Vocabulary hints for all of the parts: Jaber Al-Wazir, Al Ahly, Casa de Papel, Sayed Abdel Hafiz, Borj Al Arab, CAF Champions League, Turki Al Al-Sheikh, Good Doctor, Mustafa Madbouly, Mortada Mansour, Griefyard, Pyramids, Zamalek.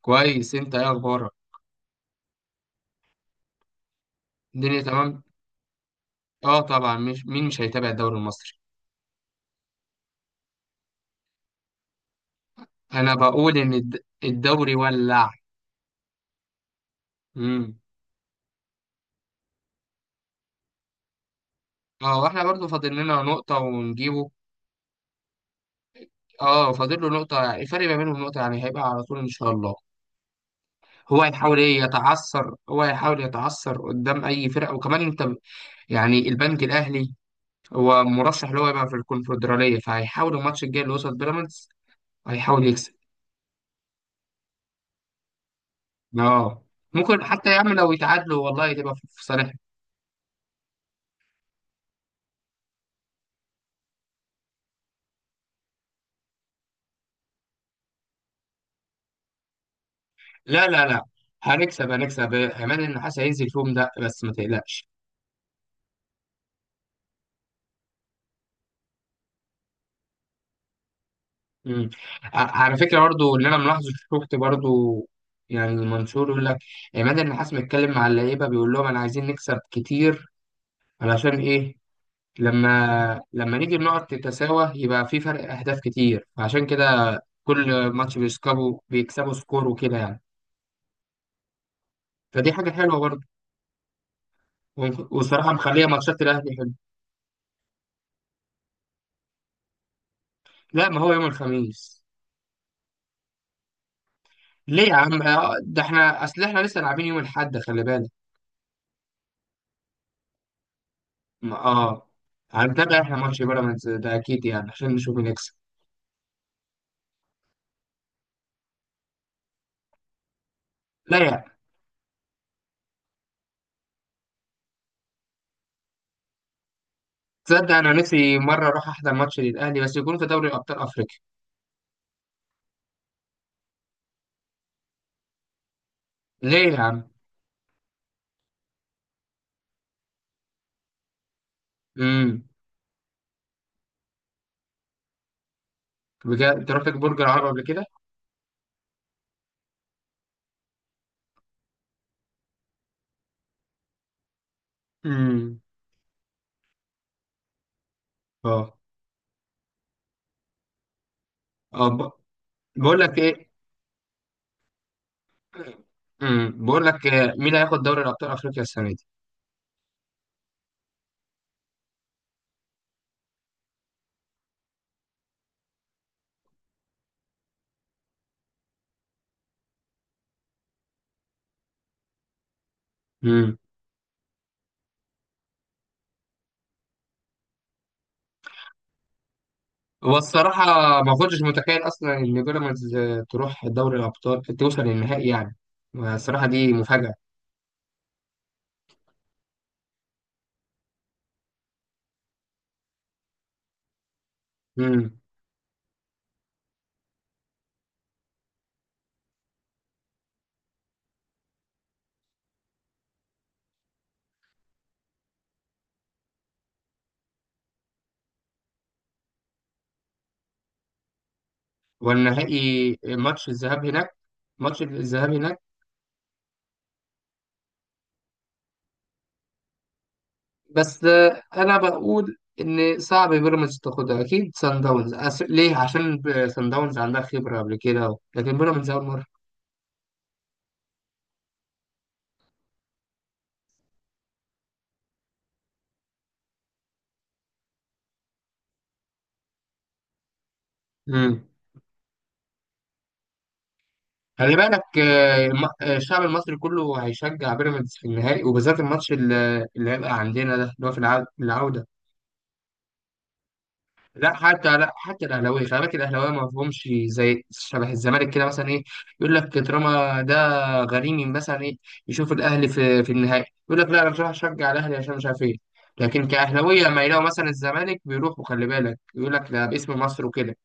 كويس، انت ايه اخبارك؟ الدنيا تمام. اه، طبعا مش مين مش هيتابع الدوري المصري؟ انا بقول ان الدوري ولع. امم. اه، واحنا برضو فاضل لنا نقطة ونجيبه. اه، فاضل له نقطة، يعني الفرق ما بينهم نقطة، يعني هيبقى على طول ان شاء الله. هو هيحاول يتعثر قدام اي فرقة، وكمان انت يعني البنك الاهلي هو مرشح اللي هو يبقى في الكونفدرالية، فهيحاول الماتش الجاي اللي وصل بيراميدز هيحاول يكسب. اه، ممكن حتى يعمل، لو يتعادلوا والله تبقى في صالحنا. لا، لا، لا، هنكسب هنكسب، عماد النحاس هينزل فيهم ده، بس ما تقلقش. مم. على فكره برضو اللي انا ملاحظه، شفت برضو، يعني المنشور يقول لك عماد النحاس متكلم مع اللعيبه، بيقول لهم انا عايزين نكسب كتير. علشان ايه؟ لما نيجي النقط تتساوى يبقى في فرق اهداف كتير، عشان كده كل ماتش بيكسبوا بيكسبوا سكور وكده، يعني. فدي حاجه حلوه برضو. وصراحه مخليه ماتشات الاهلي حلو. لا، ما هو يوم الخميس. ليه يا عم؟ ده احنا اصل احنا لسه لاعبين يوم الاحد، خلي بالك. اه، هنتابع احنا ماتش بيراميدز ده اكيد، يعني عشان نشوف مين يكسب. لا، يعني تصدق انا نفسي مره اروح احضر ماتش للاهلي، بس يكون في دوري ابطال افريقيا. ليه يا عم؟ امم. بجد انت رحت برج العرب قبل كده؟ امم. اه. اه، بقول لك ايه. بقول لك، مين هياخد دوري ابطال افريقيا السنه دي؟ هو الصراحة ما كنتش متخيل أصلا إن بيراميدز تروح دوري الأبطال، توصل للنهائي يعني. الصراحة دي مفاجأة. مم. والنهائي ماتش الذهاب هناك. ماتش الذهاب هناك. بس أنا بقول إن صعب بيراميدز تاخدها، أكيد سان داونز. ليه؟ عشان سان داونز عندها خبرة قبل كده، لكن بيراميدز أول مرة. مم. خلي بالك، الشعب المصري كله هيشجع بيراميدز في النهائي، وبالذات الماتش اللي هيبقى عندنا ده، اللي هو في العودة. لا حتى الاهلاويه، خلي بالك الاهلاويه ما فيهمش زي شبه الزمالك كده، مثلا ايه، يقول لك طالما ده غريمي، مثلا ايه، يشوف الاهلي في النهائي يقول لك لا، انا مش راح اشجع الاهلي عشان مش عارف ايه. لكن كاهلاويه لما يلاقوا مثلا الزمالك بيروحوا، خلي بالك، يقول لك لا، باسم مصر وكده.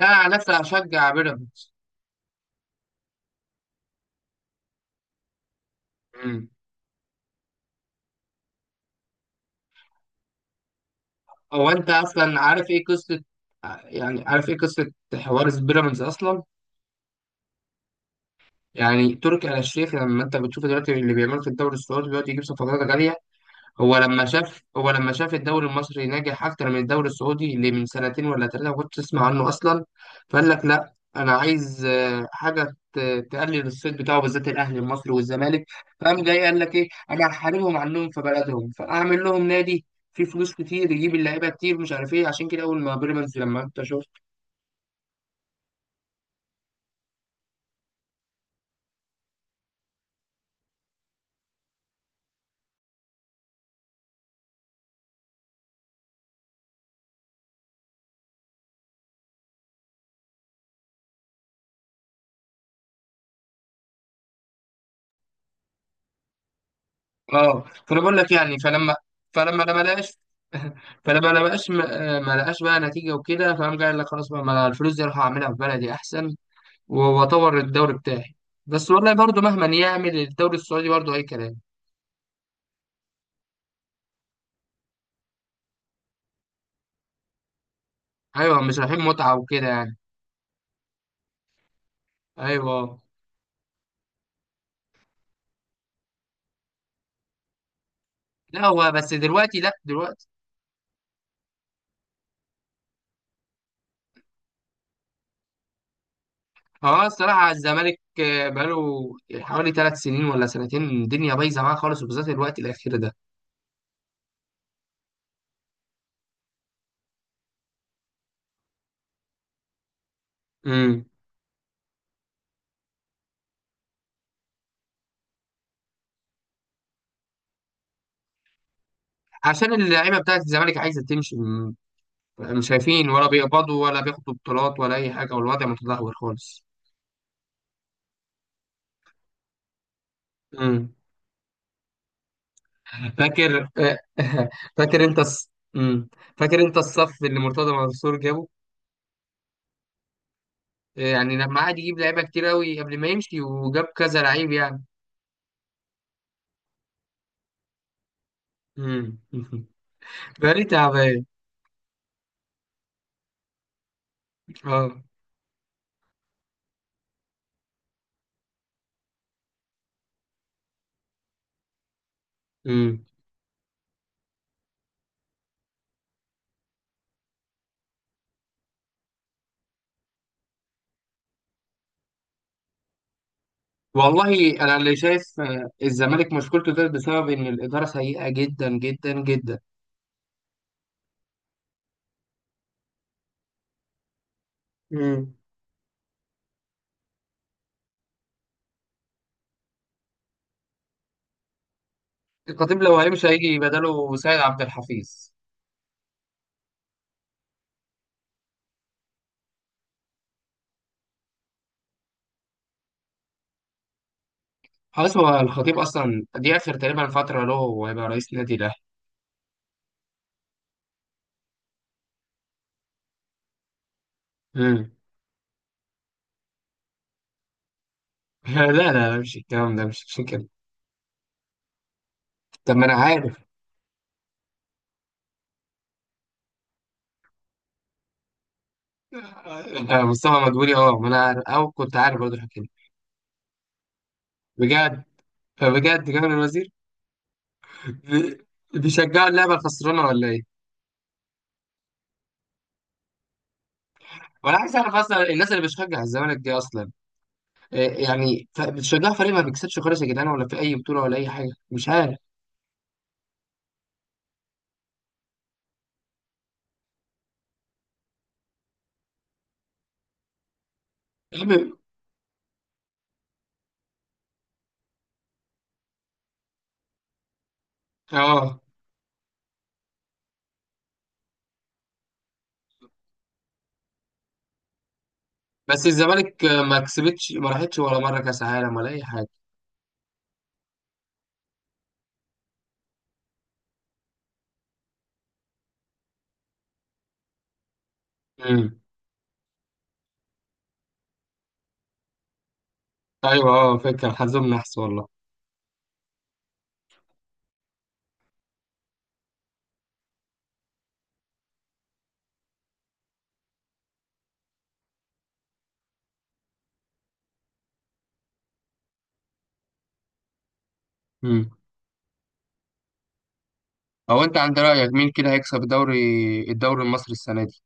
لا، على نفسي هشجع بيراميدز. أمم. هو انت اصلا عارف ايه قصه، يعني عارف ايه قصه حوار بيراميدز اصلا؟ يعني تركي آل الشيخ، لما انت بتشوف دلوقتي اللي بيعمله في الدوري السعودي دلوقتي يجيب صفقات غاليه، هو لما شاف الدوري المصري ناجح اكتر من الدوري السعودي، اللي من سنتين ولا 3 ما كنتش اسمع عنه اصلا، فقال لك لا، انا عايز حاجه تقلل الصيت بتاعه، بالذات الاهلي المصري والزمالك، فقام جاي قال لك ايه، انا هحاربهم عنهم في بلدهم، فاعمل لهم نادي فيه فلوس كتير، يجيب اللعيبه كتير مش عارف ايه، عشان كده اول ما بيراميدز لما انت شفت، اه، فانا بقول لك يعني، فلما لقاش فلما لقاش ما لقاش آه، ما لقاش بقى نتيجه وكده، فقام جاي قال لك خلاص بقى، ما أنا الفلوس دي اروح اعملها في بلدي احسن، واعتبر الدوري بتاعي. بس والله برضه، مهما يعمل الدوري السعودي برضه اي كلام. ايوه، مش رايحين متعه وكده يعني. ايوه. لا، هو بس دلوقتي، لا دلوقتي هو. الصراحه الزمالك بقاله حوالي 3 سنين ولا سنتين، الدنيا بايظه معاه خالص، وبالذات الوقت الاخير ده. امم. عشان اللعيبه بتاعت الزمالك عايزه تمشي مش شايفين ولا بيقبضوا ولا بياخدوا بطولات ولا اي حاجه، والوضع متدهور خالص. امم. فاكر؟ فاكر انت الص... مم. فاكر انت الصف اللي مرتضى منصور جابه، يعني لما قعد يجيب لعيبه كتير قوي قبل ما يمشي وجاب كذا لعيب يعني. مم. فريق تعبان. اه. مم. والله انا اللي شايف الزمالك مشكلته ده بسبب ان الاداره سيئه جدا جدا جدا. مم. الخطيب لو هيمشي هيجي بداله سيد عبد الحفيظ. خلاص، هو الخطيب اصلا دي اخر تقريبا فتره له وهيبقى رئيس نادي الاهلي. مم. لا، لا، لا، مش الكلام ده، مش مش كده. طب ما انا عارف. آه، مصطفى مدبولي. اه، ما انا عارف، او كنت عارف برضه الحكايه دي. بجد. فبجد جابر الوزير. بي- بيشجعوا اللعبه الخسرانه ولا ايه؟ وانا عايز اعرف اصلا الناس اللي بتشجع الزمالك دي اصلا، يعني بتشجعوا فريق ما بيكسبش خالص يا جدعان، ولا في اي بطوله ولا اي حاجه، مش عارف. يا عم، اه، بس الزمالك ما كسبتش ما راحتش ولا مره كاس عالم ولا اي حاجه. امم. ايوه. اه، فكره حظهم نحس والله. امم. هو انت عند رايك مين كده هيكسب الدوري، الدوري المصري السنه دي؟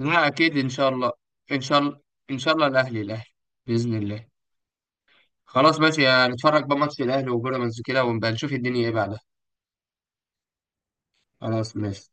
لا، اكيد ان شاء الله. ان شاء الله، ان شاء الله الاهلي الاهلي، باذن الله. خلاص ماشي، هنتفرج بقى ماتش الاهلي وبيراميدز كده، ونبقى نشوف الدنيا ايه بعدها. خلاص ماشي.